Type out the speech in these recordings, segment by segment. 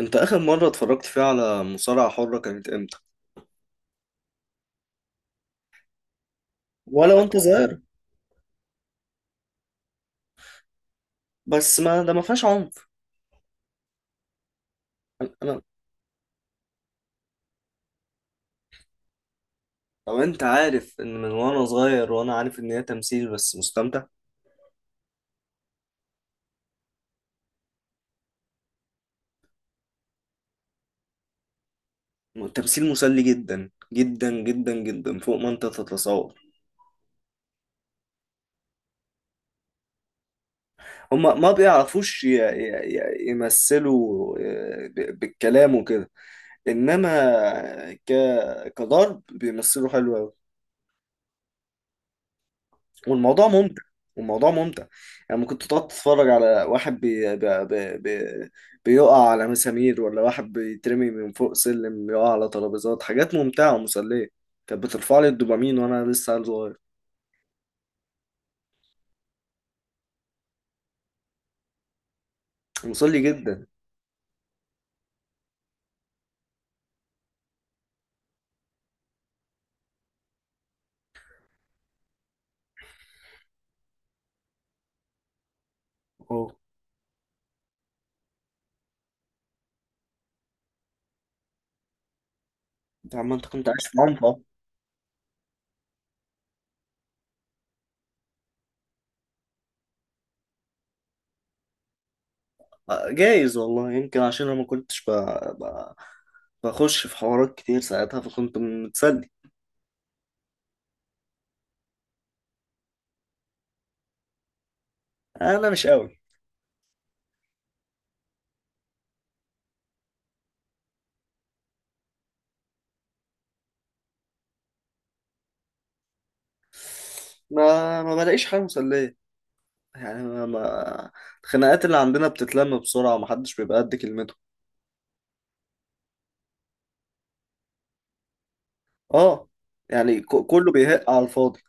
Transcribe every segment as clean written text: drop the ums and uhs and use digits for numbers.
انت اخر مرة اتفرجت فيها على مصارعة حرة كانت امتى؟ ولا وانت صغير؟ بس ما ده ما فيهاش عنف. انا انا- لو انت عارف ان من وانا صغير وانا عارف ان هي تمثيل بس مستمتع. تمثيل مسلي جدا جدا جدا جدا فوق ما انت تتصور. هما ما بيعرفوش يمثلوا بالكلام وكده، انما ك... كضرب بيمثلوا حلو أوي. والموضوع ممتع. والموضوع ممتع. يعني ممكن تقعد تتفرج على واحد بي بي بي بي بيقع على مسامير، ولا واحد بيترمي من فوق سلم يقع على ترابيزات. حاجات ممتعة ومسلية، كانت بترفع لي الدوبامين وانا لسه عيل صغير. مسلي جدا. اه. انت عم انت كنت عايش في منطقة؟ جايز والله، يمكن عشان انا ما كنتش ب... بخش في حوارات كتير ساعتها، فكنت متسلي. انا مش قوي. ما بلاقيش حاجة مسلية، يعني الخناقات اللي عندنا بتتلم بسرعة، ومحدش بيبقى قد كلمته. اه، يعني كله بيهق على الفاضي.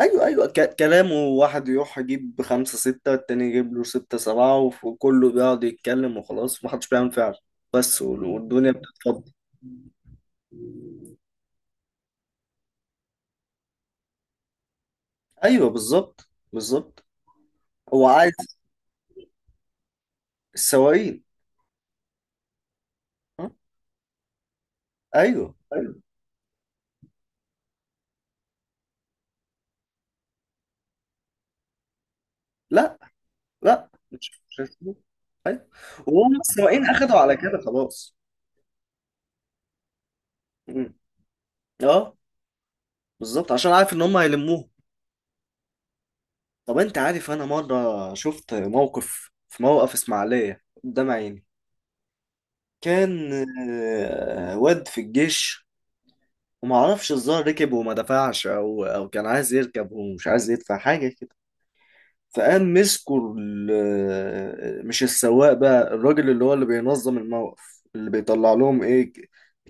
ايوه ايوه، كلامه واحد يروح يجيب خمسة ستة، التاني يجيب له ستة سبعة، وكله بيقعد يتكلم وخلاص ومحدش بيعمل فعل. بس والدنيا بتتفضل. ايوه بالظبط بالظبط. هو عايز. السواقين. ها؟ ايوه ايوه. لا لا، مش هيسيبوه. ايوه. وهم السواقين اخدوا على كده خلاص. مم. اه، بالظبط، عشان عارف ان هم هيلموهم. طب انت عارف انا مره شفت موقف في موقف اسماعيليه قدام عيني. كان واد في الجيش، ومعرفش الظاهر ركب وما دفعش، او كان عايز يركب ومش عايز يدفع حاجه كده. فقام مسكوا مش السواق بقى، الراجل اللي هو اللي بينظم الموقف، اللي بيطلع لهم ايه،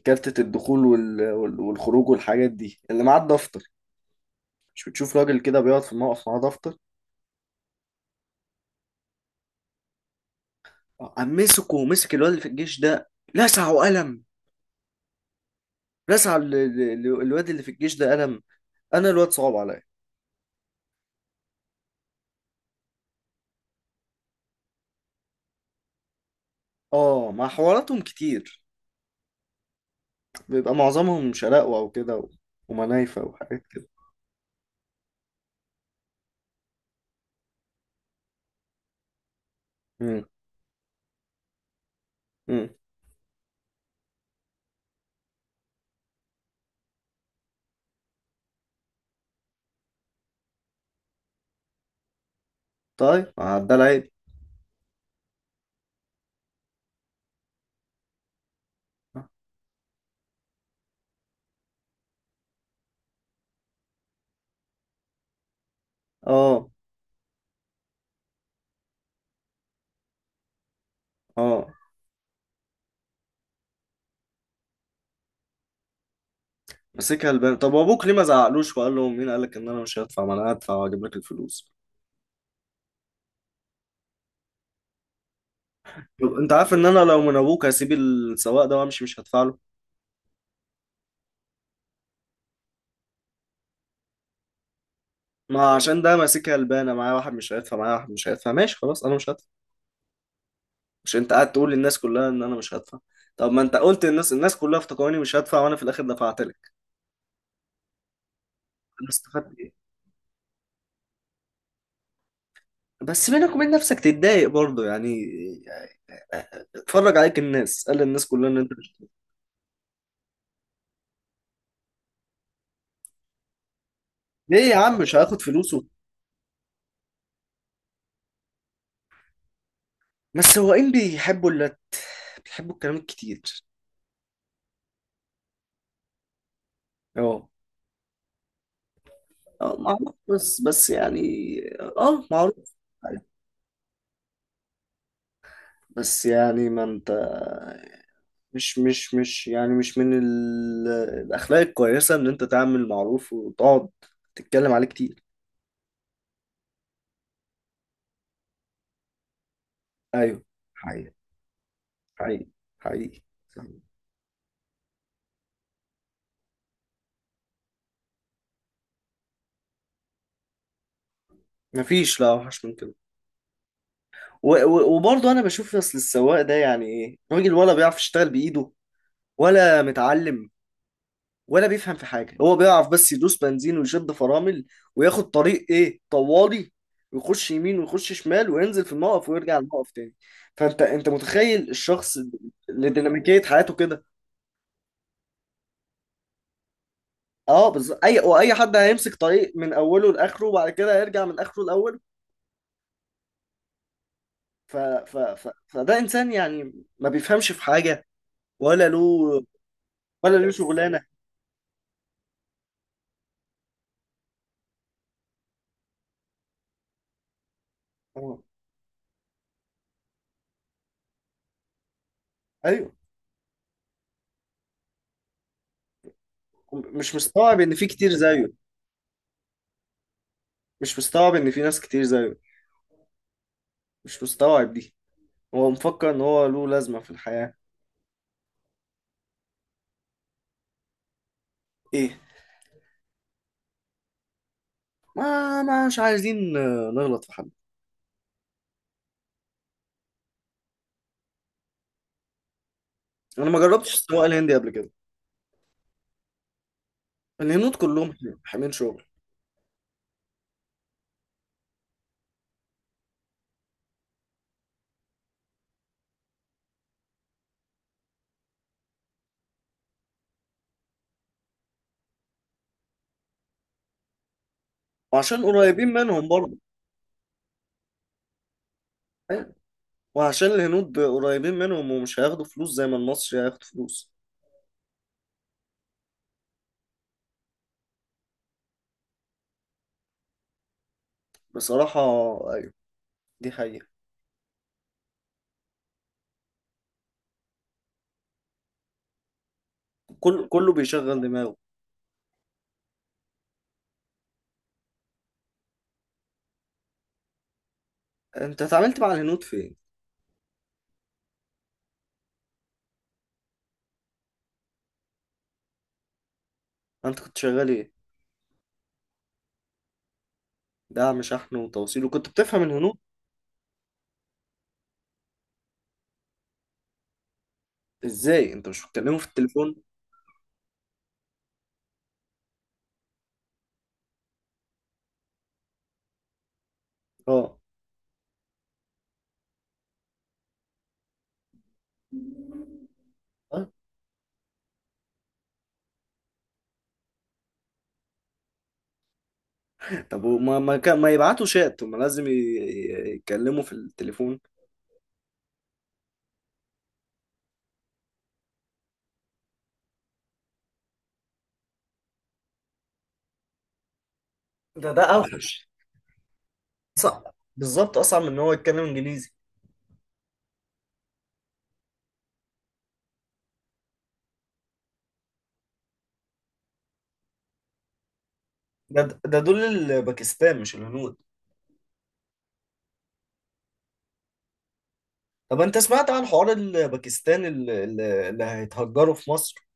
كارتة الدخول والخروج والحاجات دي، اللي معاه الدفتر. مش بتشوف راجل كده بيقعد في الموقف معاه دفتر؟ قام مسكه ومسك الواد اللي في الجيش ده، لسعه قلم. لسع الواد اللي في الجيش ده قلم. انا الواد صعب عليا. اه، مع حواراتهم كتير. بيبقى معظمهم شقاوة او كده، ومنايفة وحاجات كده. مم. مم. طيب عدى العيب. اه. اه، مسكها البان. طب وابوك ليه ما زعقلوش وقال له: مين قال لك ان انا مش هدفع؟ ما انا هدفع واجيب لك الفلوس. طب انت عارف ان انا لو من ابوك هسيب السواق ده وامشي، مش هدفع له. ما عشان ده ماسكها البانه معايا واحد مش هيدفع، معايا واحد مش هيدفع، ماشي خلاص انا مش هدفع. مش انت قاعد تقول للناس كلها ان انا مش هدفع؟ طب ما انت قلت للناس، الناس كلها افتكروني مش هدفع، وانا في الاخر دفعت لك. انا استفدت ايه؟ بس بينك وبين نفسك تتضايق برضه يعني، اتفرج عليك الناس، قال للناس كلها ان انت مش. ليه يا عم مش هاخد فلوسه؟ ما السواقين بيحبوا اللت، بيحبوا الكلام الكتير. اه. اه معروف، بس بس يعني. اه معروف. بس يعني ما انت مش يعني مش من ال... الأخلاق الكويسة إن أنت تعمل معروف وتقعد تتكلم عليه كتير. أيوه. حقيقي حقيقي حقيقي. صح. مفيش لا وحش من كده. وبرضه أنا بشوف أصل السواق ده يعني إيه، راجل؟ ولا بيعرف يشتغل بإيده؟ ولا متعلم؟ ولا بيفهم في حاجة؟ هو بيعرف بس يدوس بنزين ويشد فرامل، وياخد طريق إيه طوالي، ويخش يمين ويخش شمال، وينزل في الموقف ويرجع الموقف تاني. فأنت أنت متخيل الشخص اللي ديناميكية حياته كده؟ اه بالظبط. اي واي حد هيمسك طريق من اوله لاخره، وبعد كده هيرجع من اخره لاوله. فده انسان يعني ما بيفهمش في حاجه، ولا له ولا له شغلانه. اه. ايوه. مش مستوعب ان في كتير زيه. مش مستوعب ان في ناس كتير زيه. مش مستوعب دي. هو مفكر ان هو له لازمه في الحياه. ايه؟ ما مش عايزين نغلط في حد. انا ما جربتش السواقه الهندي قبل كده. الهنود كلهم حاملين شغل. وعشان قريبين منهم برضه. وعشان الهنود قريبين منهم، ومش هياخدوا فلوس زي ما المصري هياخدوا فلوس. بصراحة. أيوة. دي حقيقة. كل كله بيشغل دماغه. أنت اتعاملت مع الهنود فين؟ أنت كنت شغال إيه؟ دعم شحن وتوصيل، وكنت بتفهم الهنود إزاي؟ أنت مش بتكلمهم في التليفون؟ أه. أه؟ طب وما ما, كان- ما يبعتوا شات، هما لازم يتكلموا في التليفون. ده ده اوحش. صعب. بالظبط، اصعب من ان هو يتكلم انجليزي. ده ده دول الباكستان مش الهنود. طب انت سمعت عن حوار الباكستان اللي هيتهجروا في مصر؟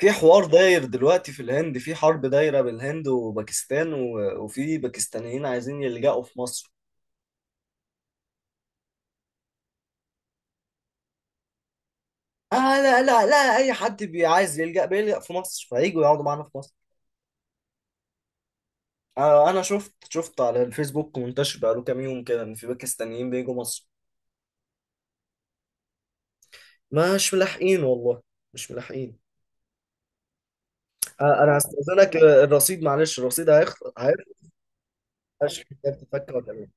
في حوار داير دلوقتي في الهند، في حرب دايرة بين الهند وباكستان، وفي باكستانيين عايزين يلجأوا في مصر. آه لا لا لا، اي حد عايز يلجأ بيلجأ في مصر، فهيجوا يقعدوا معانا في مصر. آه انا شفت على الفيسبوك منتشر بقاله كام يوم كده، ان في باكستانيين بيجوا مصر. مش ملاحقين والله، مش ملاحقين. آه انا هستأذنك، الرصيد معلش، الرصيد هيخلص هيخلص. عشان تفكر ولا